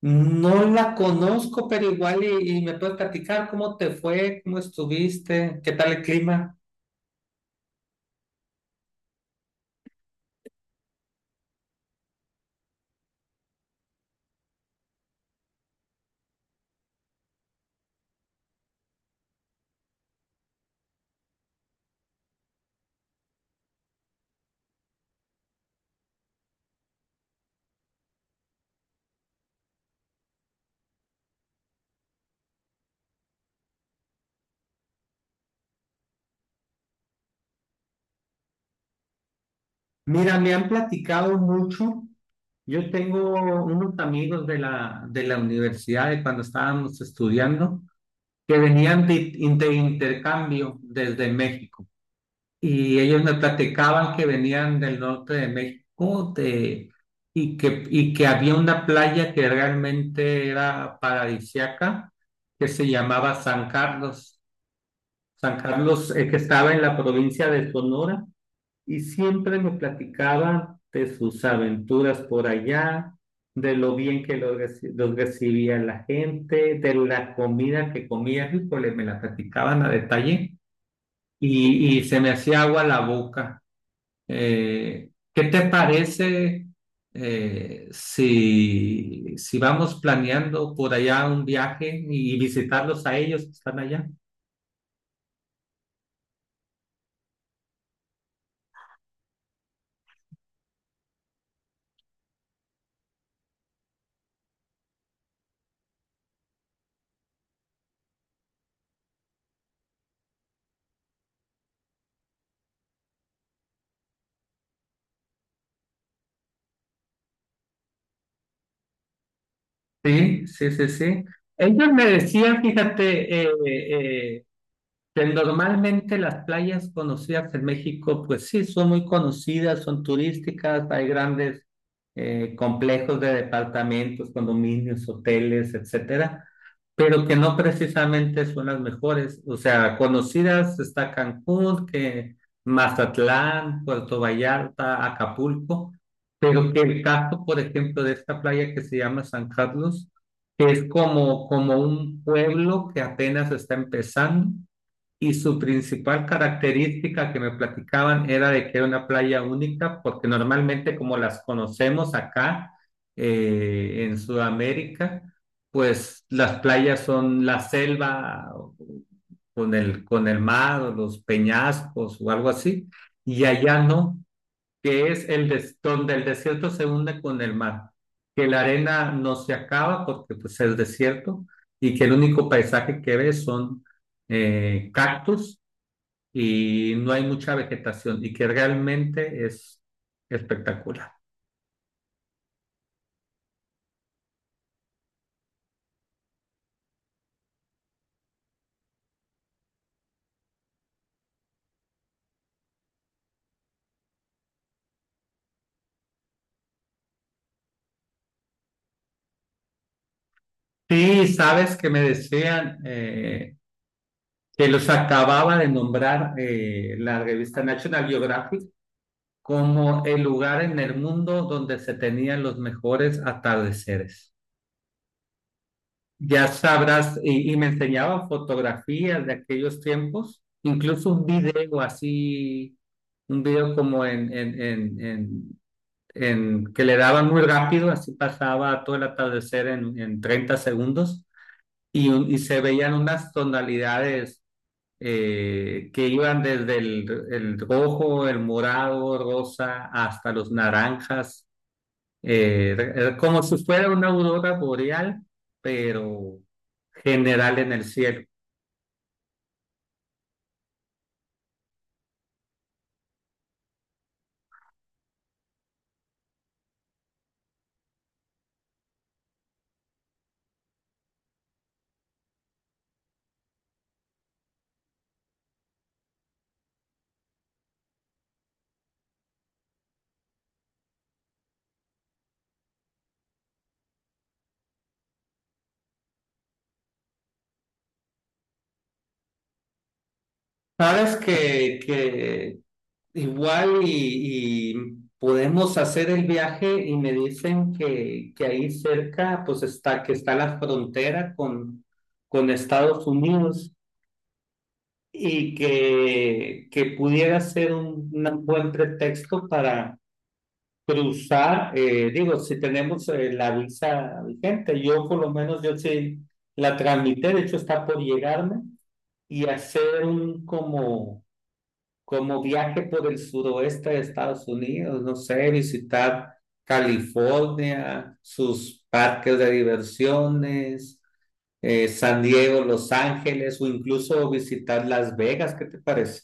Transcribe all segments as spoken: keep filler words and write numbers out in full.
No la conozco, pero igual y, y me puedes platicar cómo te fue, cómo estuviste, qué tal el clima. Mira, me han platicado mucho. Yo tengo unos amigos de la, de la universidad de cuando estábamos estudiando que venían de, de intercambio desde México. Y ellos me platicaban que venían del norte de México de, y que, y que había una playa que realmente era paradisiaca, que se llamaba San Carlos. San Carlos, eh, que estaba en la provincia de Sonora, y siempre me platicaban de sus aventuras por allá, de lo bien que los, reci- los recibía la gente, de la comida que comía, híjole, me la platicaban a detalle, y, y se me hacía agua la boca. Eh, ¿qué te parece eh, si, si vamos planeando por allá un viaje y visitarlos a ellos que están allá? Sí, sí, sí, sí. Ellos me decían, fíjate, eh, eh, pues, normalmente las playas conocidas en México, pues sí, son muy conocidas, son turísticas, hay grandes eh, complejos de departamentos, condominios, hoteles, etcétera, pero que no precisamente son las mejores. O sea, conocidas está Cancún, que Mazatlán, Puerto Vallarta, Acapulco, pero que el caso, por ejemplo, de esta playa que se llama San Carlos, que es como, como un pueblo que apenas está empezando y su principal característica que me platicaban era de que era una playa única, porque normalmente como las conocemos acá eh, en Sudamérica, pues las playas son la selva con el, con el mar o los peñascos o algo así, y allá no, que es el des- donde el desierto se hunde con el mar, que la arena no se acaba porque pues es desierto y que el único paisaje que ves son eh, cactus y no hay mucha vegetación y que realmente es espectacular. Sí, sabes que me decían eh, que los acababa de nombrar eh, la revista National Geographic como el lugar en el mundo donde se tenían los mejores atardeceres. Ya sabrás, y, y me enseñaba fotografías de aquellos tiempos, incluso un video así, un video como en, en, en, en, en- que le daban muy rápido, así pasaba todo el atardecer en, en treinta segundos, y, un- y se veían unas tonalidades eh, que iban desde el, el rojo, el morado, rosa, hasta los naranjas, eh, era como si fuera una aurora boreal, pero general en el cielo. Sabes que, que igual y, y podemos hacer el viaje y me dicen que, que ahí cerca pues está, que está la frontera con, con Estados Unidos y que, que pudiera ser un- un buen pretexto para cruzar. Eh, digo, si tenemos eh, la visa vigente, yo por lo menos yo sí la transmití, de hecho está por llegarme, y hacer un como, como viaje por el suroeste de Estados Unidos, no sé, visitar California, sus parques de diversiones, eh, San Diego, Los Ángeles, o incluso visitar Las Vegas. ¿Qué te parece?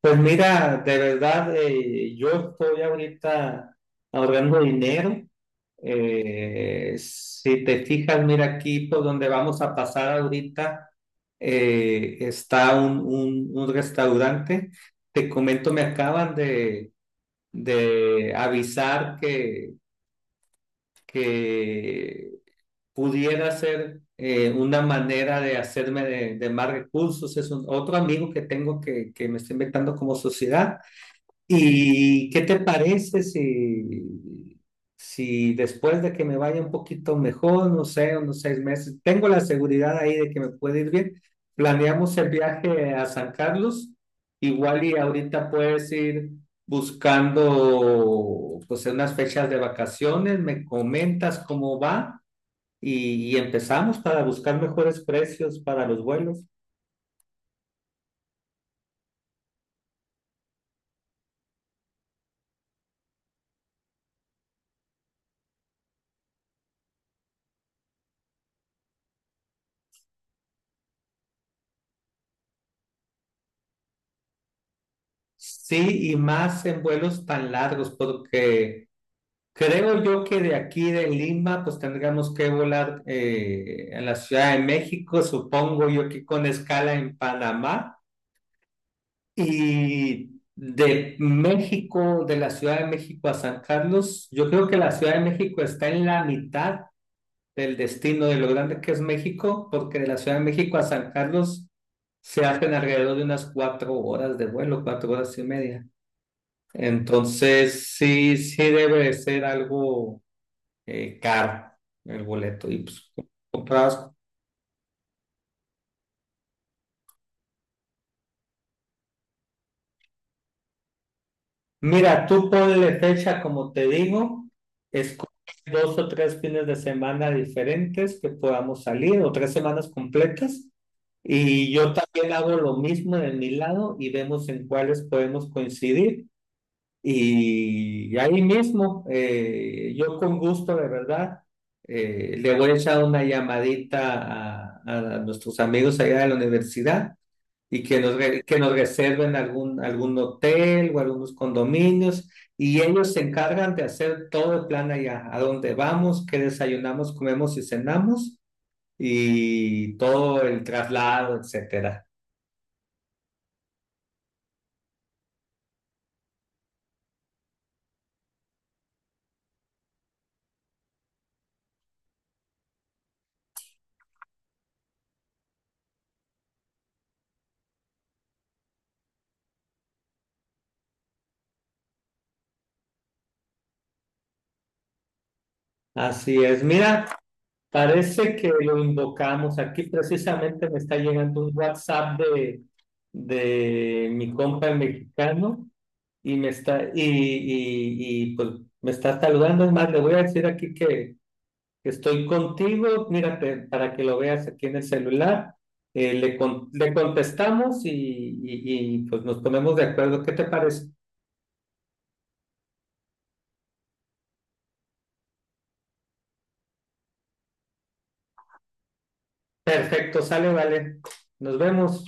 Pues mira, de verdad, eh, yo estoy ahorita ahorrando dinero. Eh, si te fijas, mira aquí por donde vamos a pasar ahorita, eh, está un, un- un restaurante. Te comento, me acaban de, de avisar que, que pudiera ser eh, una manera de hacerme de, de más recursos. Es un- otro amigo que tengo que, que me está invitando como sociedad. ¿Y qué te parece si, si después de que me vaya un poquito mejor, no sé, unos seis meses, tengo la seguridad ahí de que me puede ir bien, planeamos el viaje a San Carlos, igual y ahorita puedes ir buscando pues unas fechas de vacaciones, me comentas cómo va y, y empezamos para buscar mejores precios para los vuelos? Sí, y más en vuelos tan largos, porque... Creo yo que de aquí de Lima, pues tendríamos que volar eh, a la Ciudad de México, supongo yo que con escala en Panamá. Y de México, de la Ciudad de México a San Carlos, yo creo que la Ciudad de México está en la mitad del destino de lo grande que es México, porque de la Ciudad de México a San Carlos se hacen alrededor de unas cuatro horas de vuelo, cuatro horas y media. Entonces, sí, sí debe de ser algo eh, caro el boleto y pues comprabas. Mira, tú ponle fecha, como te digo, escoge dos o tres fines de semana diferentes que podamos salir o tres semanas completas y yo también hago lo mismo de mi lado y vemos en cuáles podemos coincidir. Y ahí mismo, eh, yo con gusto, de verdad, eh, le voy a echar una llamadita a, a nuestros amigos allá de la universidad y que nos, re- que nos reserven algún, algún hotel o algunos condominios y ellos se encargan de hacer todo el plan allá, a dónde vamos, qué desayunamos, comemos y cenamos y todo el traslado, etcétera. Así es, mira, parece que lo invocamos. Aquí precisamente me está llegando un WhatsApp de, de mi compa el mexicano y me está, y, y, y pues me está saludando. Es más, le voy a decir aquí que estoy contigo, mírate, para que lo veas aquí en el celular. Eh, le, con- le contestamos y, y y, pues nos ponemos de acuerdo. ¿Qué te parece? Perfecto, sale, vale. Nos vemos.